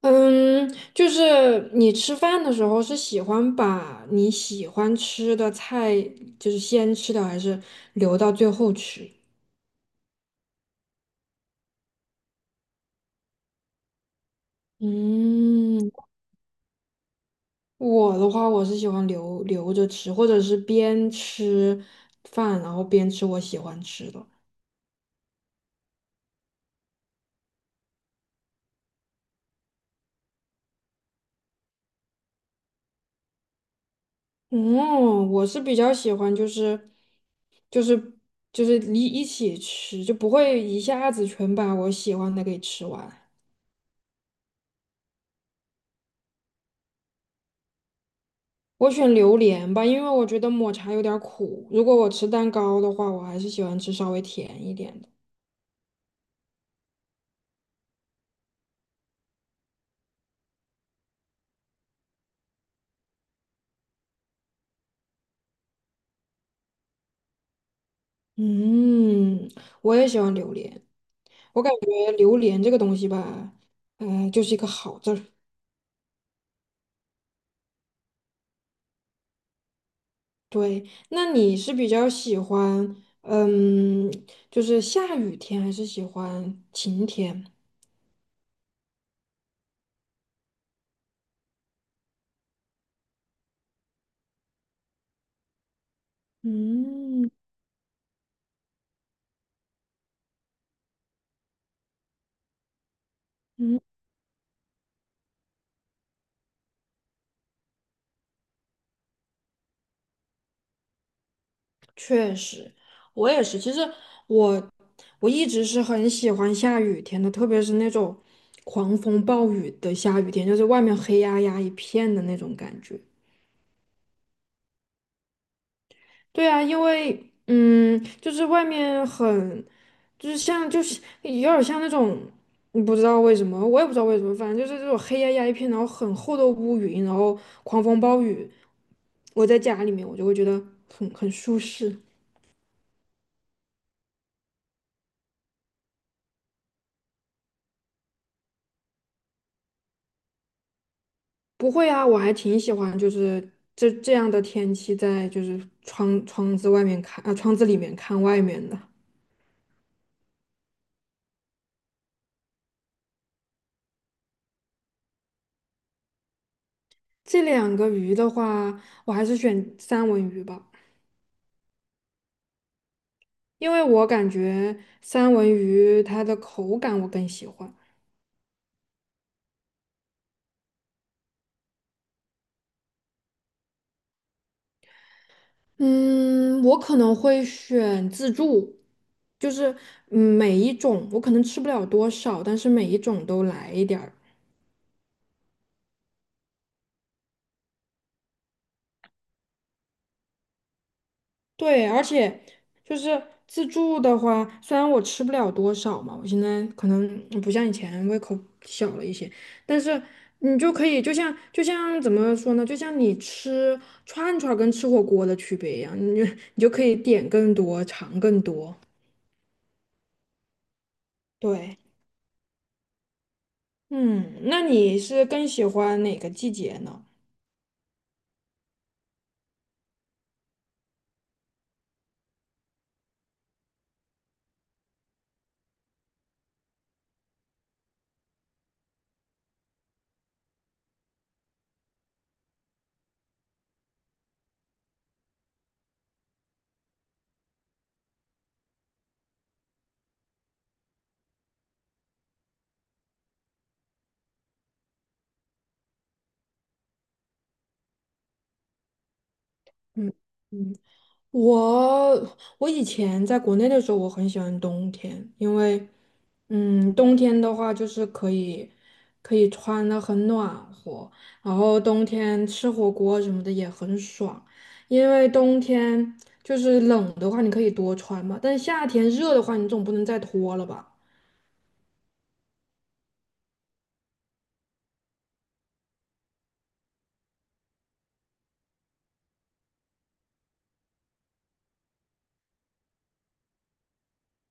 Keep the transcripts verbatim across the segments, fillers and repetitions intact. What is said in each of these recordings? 嗯，就是你吃饭的时候是喜欢把你喜欢吃的菜就是先吃掉，还是留到最后吃？嗯，我的话我是喜欢留留着吃，或者是边吃饭然后边吃我喜欢吃的。嗯，我是比较喜欢就是就是就是一一起吃，就不会一下子全把我喜欢的给吃完。我选榴莲吧，因为我觉得抹茶有点儿苦。如果我吃蛋糕的话，我还是喜欢吃稍微甜一点的。嗯，我也喜欢榴莲。我感觉榴莲这个东西吧，呃，就是一个好字儿。对，那你是比较喜欢，嗯，就是下雨天，还是喜欢晴天？嗯嗯，确实，我也是。其实我我一直是很喜欢下雨天的，特别是那种狂风暴雨的下雨天，就是外面黑压压一片的那种感觉。对啊，因为嗯，就是外面很，就是像就是有点儿像那种，嗯不知道为什么，我也不知道为什么，反正就是这种黑压压一片，然后很厚的乌云，然后狂风暴雨。我在家里面，我就会觉得很很舒适。不会啊，我还挺喜欢，就是这这样的天气，在就是窗窗子外面看，啊，窗子里面看外面的。这两个鱼的话，我还是选三文鱼吧，因为我感觉三文鱼它的口感我更喜欢。嗯，我可能会选自助，就是嗯每一种我可能吃不了多少，但是每一种都来一点儿。对，而且就是自助的话，虽然我吃不了多少嘛，我现在可能不像以前胃口小了一些，但是你就可以，就像就像怎么说呢，就像你吃串串儿跟吃火锅的区别一样，你就你就可以点更多，尝更多。对，嗯，那你是更喜欢哪个季节呢？嗯嗯。我我以前在国内的时候，我很喜欢冬天，因为，嗯，冬天的话就是可以可以穿的很暖和，然后冬天吃火锅什么的也很爽，因为冬天就是冷的话，你可以多穿嘛，但夏天热的话，你总不能再脱了吧。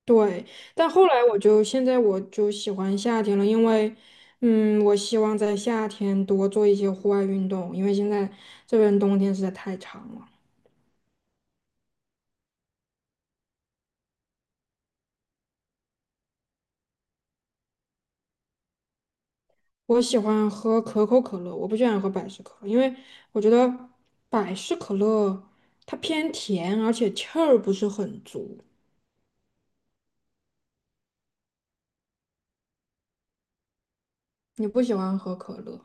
对，但后来我就现在我就喜欢夏天了，因为，嗯，我希望在夏天多做一些户外运动，因为现在这边冬天实在太长了。我喜欢喝可口可乐，我不喜欢喝百事可乐，因为我觉得百事可乐它偏甜，而且气儿不是很足。你不喜欢喝可乐？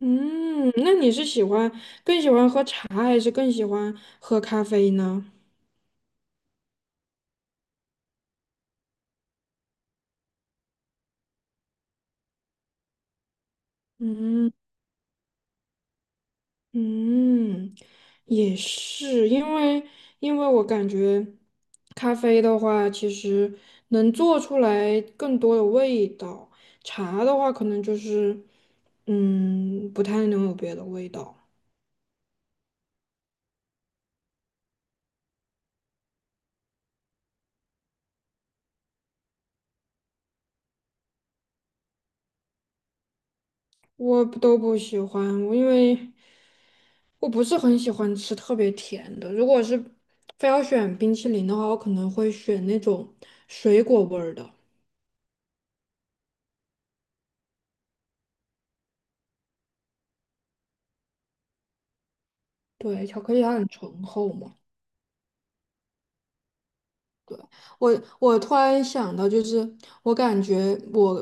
嗯，那你是喜欢更喜欢喝茶，还是更喜欢喝咖啡呢？嗯。嗯，也是，因为因为我感觉咖啡的话，其实能做出来更多的味道，茶的话可能就是，嗯，不太能有别的味道。我都不喜欢，我因为我不是很喜欢吃特别甜的，如果是非要选冰淇淋的话，我可能会选那种水果味儿的。对，巧克力它很醇厚嘛。对，我我突然想到，就是我感觉我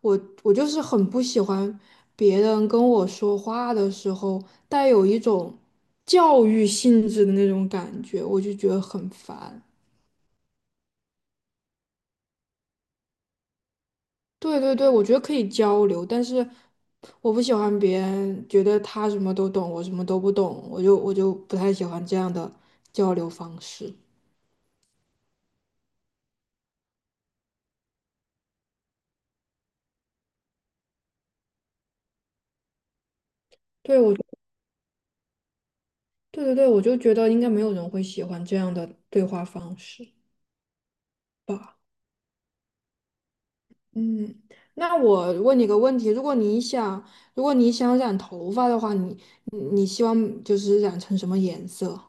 我我就是很不喜欢别人跟我说话的时候带有一种教育性质的那种感觉，我就觉得很烦。对对对，我觉得可以交流，但是我不喜欢别人觉得他什么都懂，我什么都不懂，我就我就不太喜欢这样的交流方式。对，我，对对对，我就觉得应该没有人会喜欢这样的对话方式吧。嗯，那我问你个问题：如果你想，如果你想染头发的话，你你你希望就是染成什么颜色？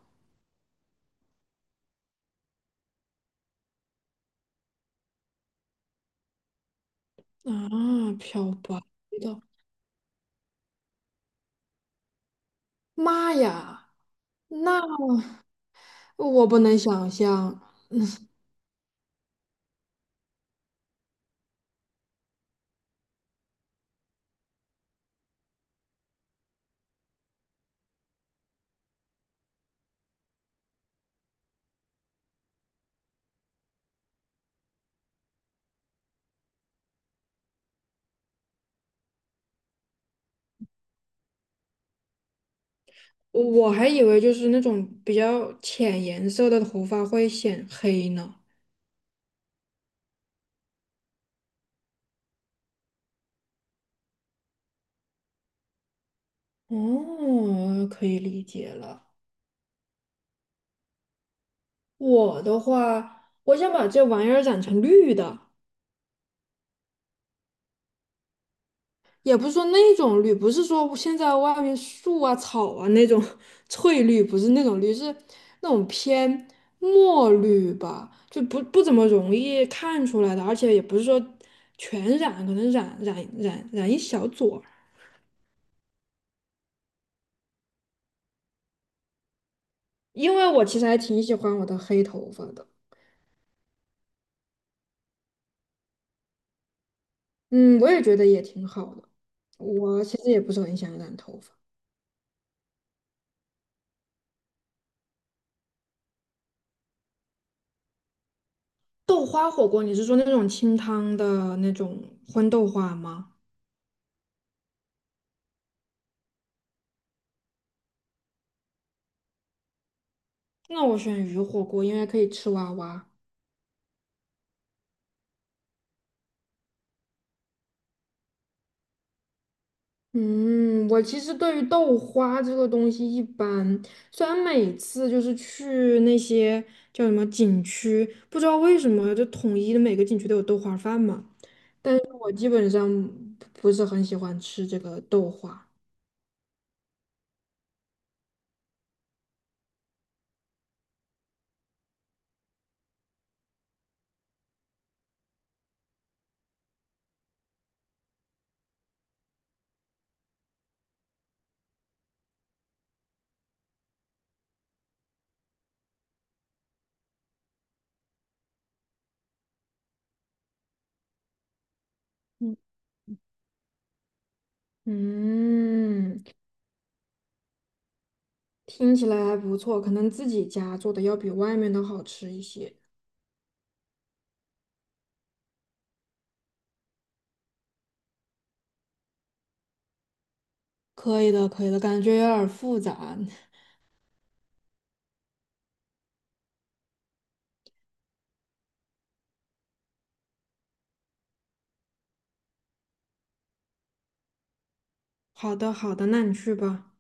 啊，漂白的，妈呀，那我不能想象，我还以为就是那种比较浅颜色的头发会显黑呢。哦，可以理解了。我的话，我想把这玩意儿染成绿的。也不是说那种绿，不是说现在外面树啊、草啊那种 翠绿，不是那种绿，是那种偏墨绿吧，就不不怎么容易看出来的，而且也不是说全染，可能染染染染一小撮儿，因为我其实还挺喜欢我的黑头发的。嗯，我也觉得也挺好的。我其实也不是很想染头发。豆花火锅，你是说那种清汤的那种荤豆花吗？那我选鱼火锅，因为可以吃蛙蛙。嗯，我其实对于豆花这个东西一般，虽然每次就是去那些叫什么景区，不知道为什么就统一的每个景区都有豆花饭嘛，我基本上不是很喜欢吃这个豆花。嗯，嗯，听起来还不错，可能自己家做的要比外面的好吃一些。可以的，可以的，感觉有点儿复杂。好的，好的，那你去吧。